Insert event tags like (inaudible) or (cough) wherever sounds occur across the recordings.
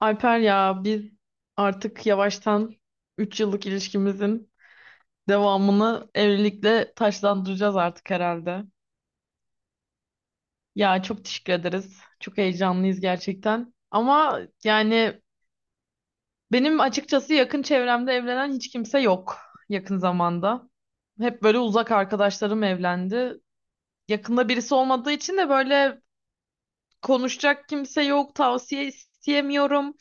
Alper ya biz artık yavaştan 3 yıllık ilişkimizin devamını evlilikle taçlandıracağız artık herhalde. Ya çok teşekkür ederiz. Çok heyecanlıyız gerçekten. Ama yani benim açıkçası yakın çevremde evlenen hiç kimse yok yakın zamanda. Hep böyle uzak arkadaşlarım evlendi. Yakında birisi olmadığı için de böyle konuşacak kimse yok, tavsiye isteyemiyorum.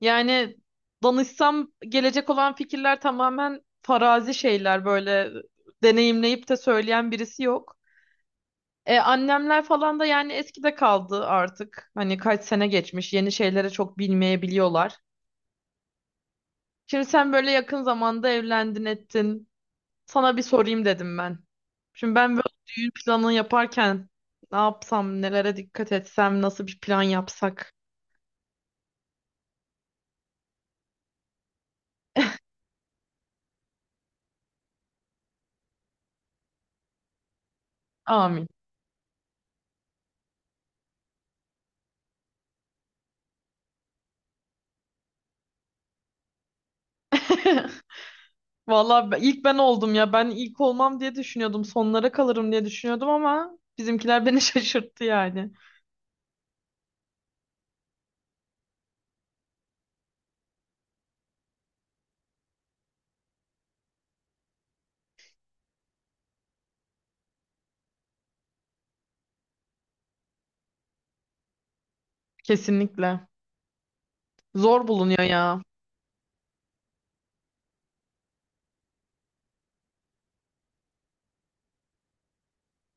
Yani danışsam gelecek olan fikirler tamamen farazi şeyler, böyle deneyimleyip de söyleyen birisi yok. Annemler falan da yani eskide kaldı artık. Hani kaç sene geçmiş, yeni şeylere çok bilmeyebiliyorlar. Şimdi sen böyle yakın zamanda evlendin ettin. Sana bir sorayım dedim ben. Şimdi ben böyle düğün planı yaparken ne yapsam, nelere dikkat etsem, nasıl bir plan yapsak. Amin. (laughs) Vallahi ilk ben oldum ya. Ben ilk olmam diye düşünüyordum. Sonlara kalırım diye düşünüyordum ama bizimkiler beni (laughs) şaşırttı yani. Kesinlikle. Zor bulunuyor ya.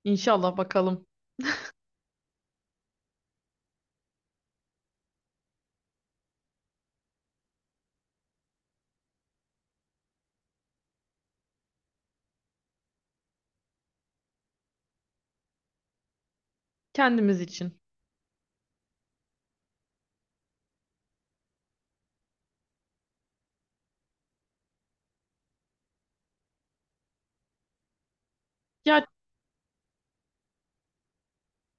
İnşallah bakalım. Kendimiz için. Ya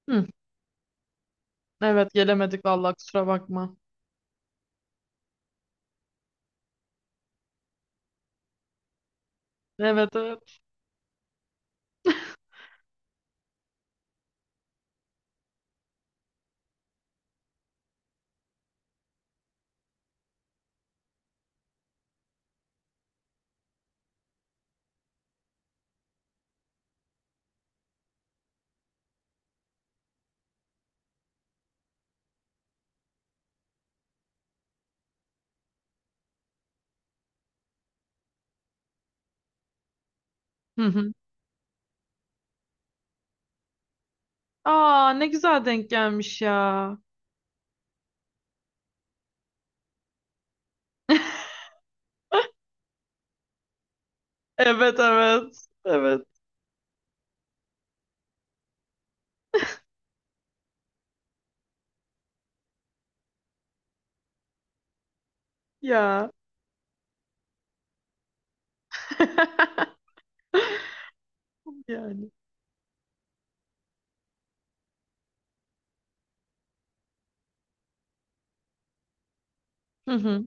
hı, evet, gelemedik vallahi, kusura bakma. Evet, evet. Hı hı. Aa, ne güzel denk gelmiş ya. (laughs) Evet, evet. Evet ya. (laughs) Yani. Hı hı.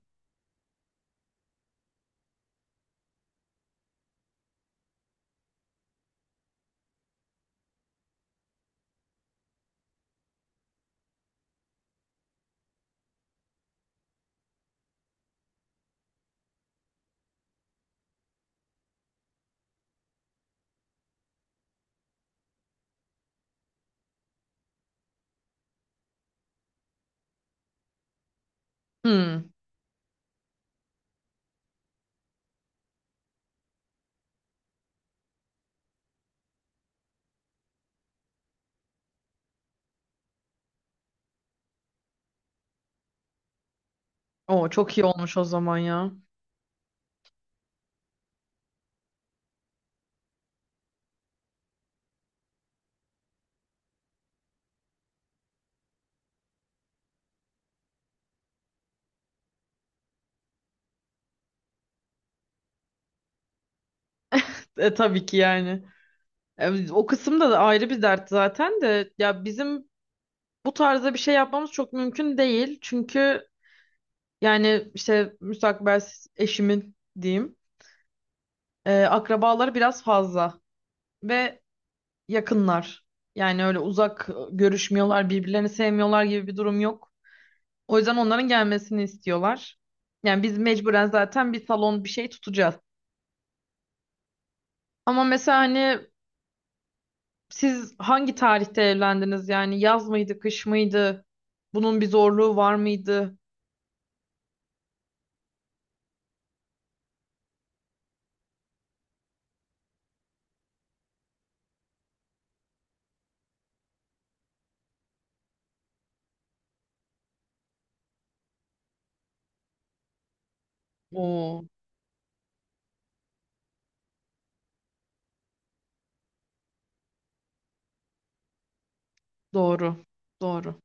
Hı. O çok iyi olmuş o zaman ya. E, tabii ki yani. E, o kısımda da ayrı bir dert zaten de, ya bizim bu tarzda bir şey yapmamız çok mümkün değil. Çünkü yani işte müstakbel eşimin diyeyim, akrabaları biraz fazla. Ve yakınlar. Yani öyle uzak, görüşmüyorlar, birbirlerini sevmiyorlar gibi bir durum yok. O yüzden onların gelmesini istiyorlar. Yani biz mecburen zaten bir salon bir şey tutacağız. Ama mesela hani siz hangi tarihte evlendiniz? Yani yaz mıydı, kış mıydı? Bunun bir zorluğu var mıydı? Oo, doğru. Doğru.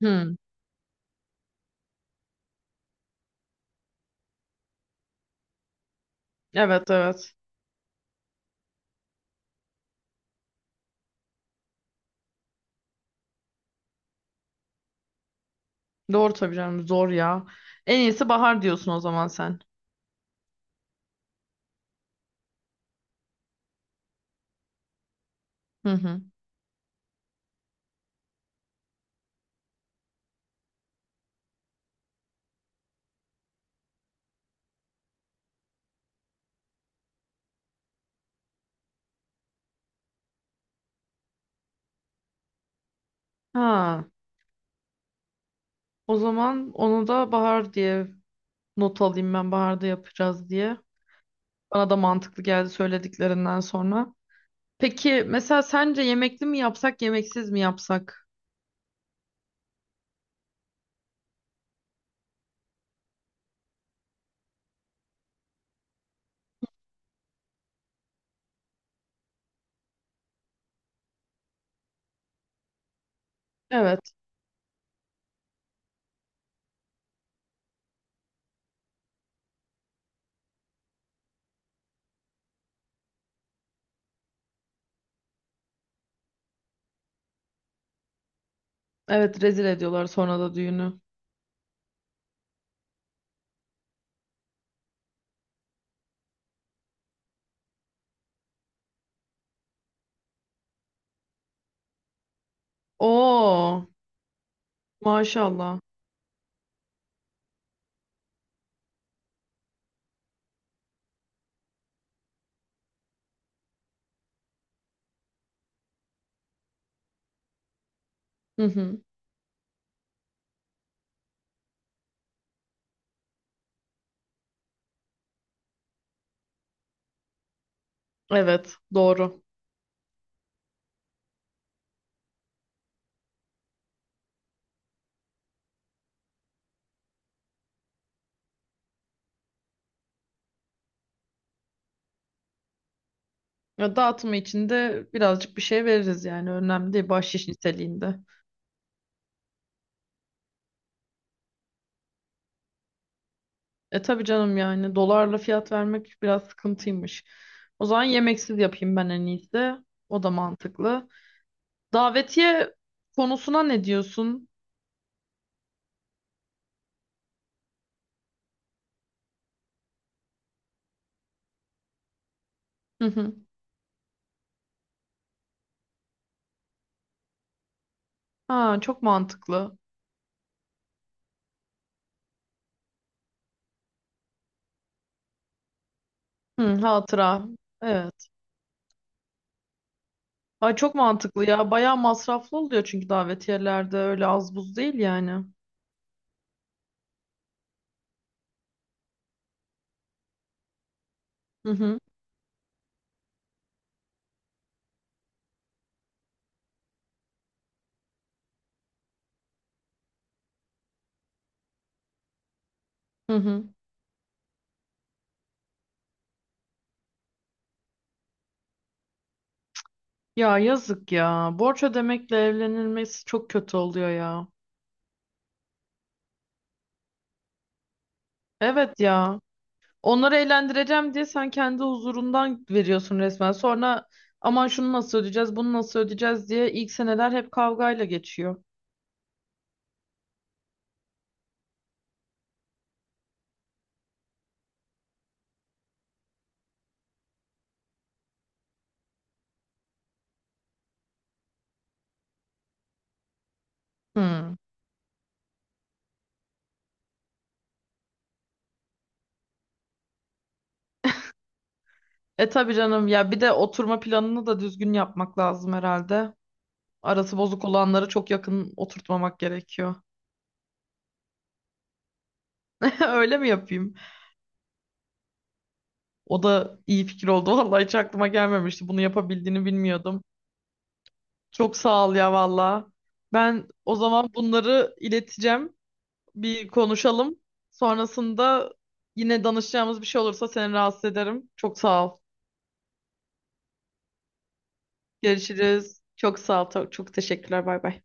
Hmm, evet, evet. Doğru tabii canım, zor ya. En iyisi bahar diyorsun o zaman sen. Hı hı. Ha, o zaman onu da bahar diye not alayım, ben baharda yapacağız diye. Bana da mantıklı geldi söylediklerinden sonra. Peki mesela sence yemekli mi yapsak, yemeksiz mi yapsak? Evet. Evet, rezil ediyorlar sonra da düğünü. Oo, maşallah. Hı hı. Evet, doğru. Ya, dağıtımı için de birazcık bir şey veririz, yani önemli değil, bahşiş niteliğinde. E tabii canım, yani dolarla fiyat vermek biraz sıkıntıymış. O zaman yemeksiz yapayım ben en iyisi. O da mantıklı. Davetiye konusuna ne diyorsun? Hı hı. Ha, çok mantıklı. Hı, hatıra. Evet. Ay, çok mantıklı ya. Bayağı masraflı oluyor, çünkü davetiyelerde öyle az buz değil yani. Hı hı. Hı hı. Ya, yazık ya. Borç ödemekle evlenilmesi çok kötü oluyor ya. Evet ya. Onları eğlendireceğim diye sen kendi huzurundan veriyorsun resmen. Sonra aman şunu nasıl ödeyeceğiz, bunu nasıl ödeyeceğiz diye ilk seneler hep kavgayla geçiyor. Hı. E tabii canım ya, bir de oturma planını da düzgün yapmak lazım herhalde. Arası bozuk olanları çok yakın oturtmamak gerekiyor. (laughs) Öyle mi yapayım? O da iyi fikir oldu. (laughs) Vallahi hiç aklıma gelmemişti. Bunu yapabildiğini bilmiyordum. Çok sağ ol ya valla. Ben o zaman bunları ileteceğim. Bir konuşalım. Sonrasında yine danışacağımız bir şey olursa seni rahatsız ederim. Çok sağ ol. Görüşürüz. Çok sağ ol. Çok çok teşekkürler. Bay bay.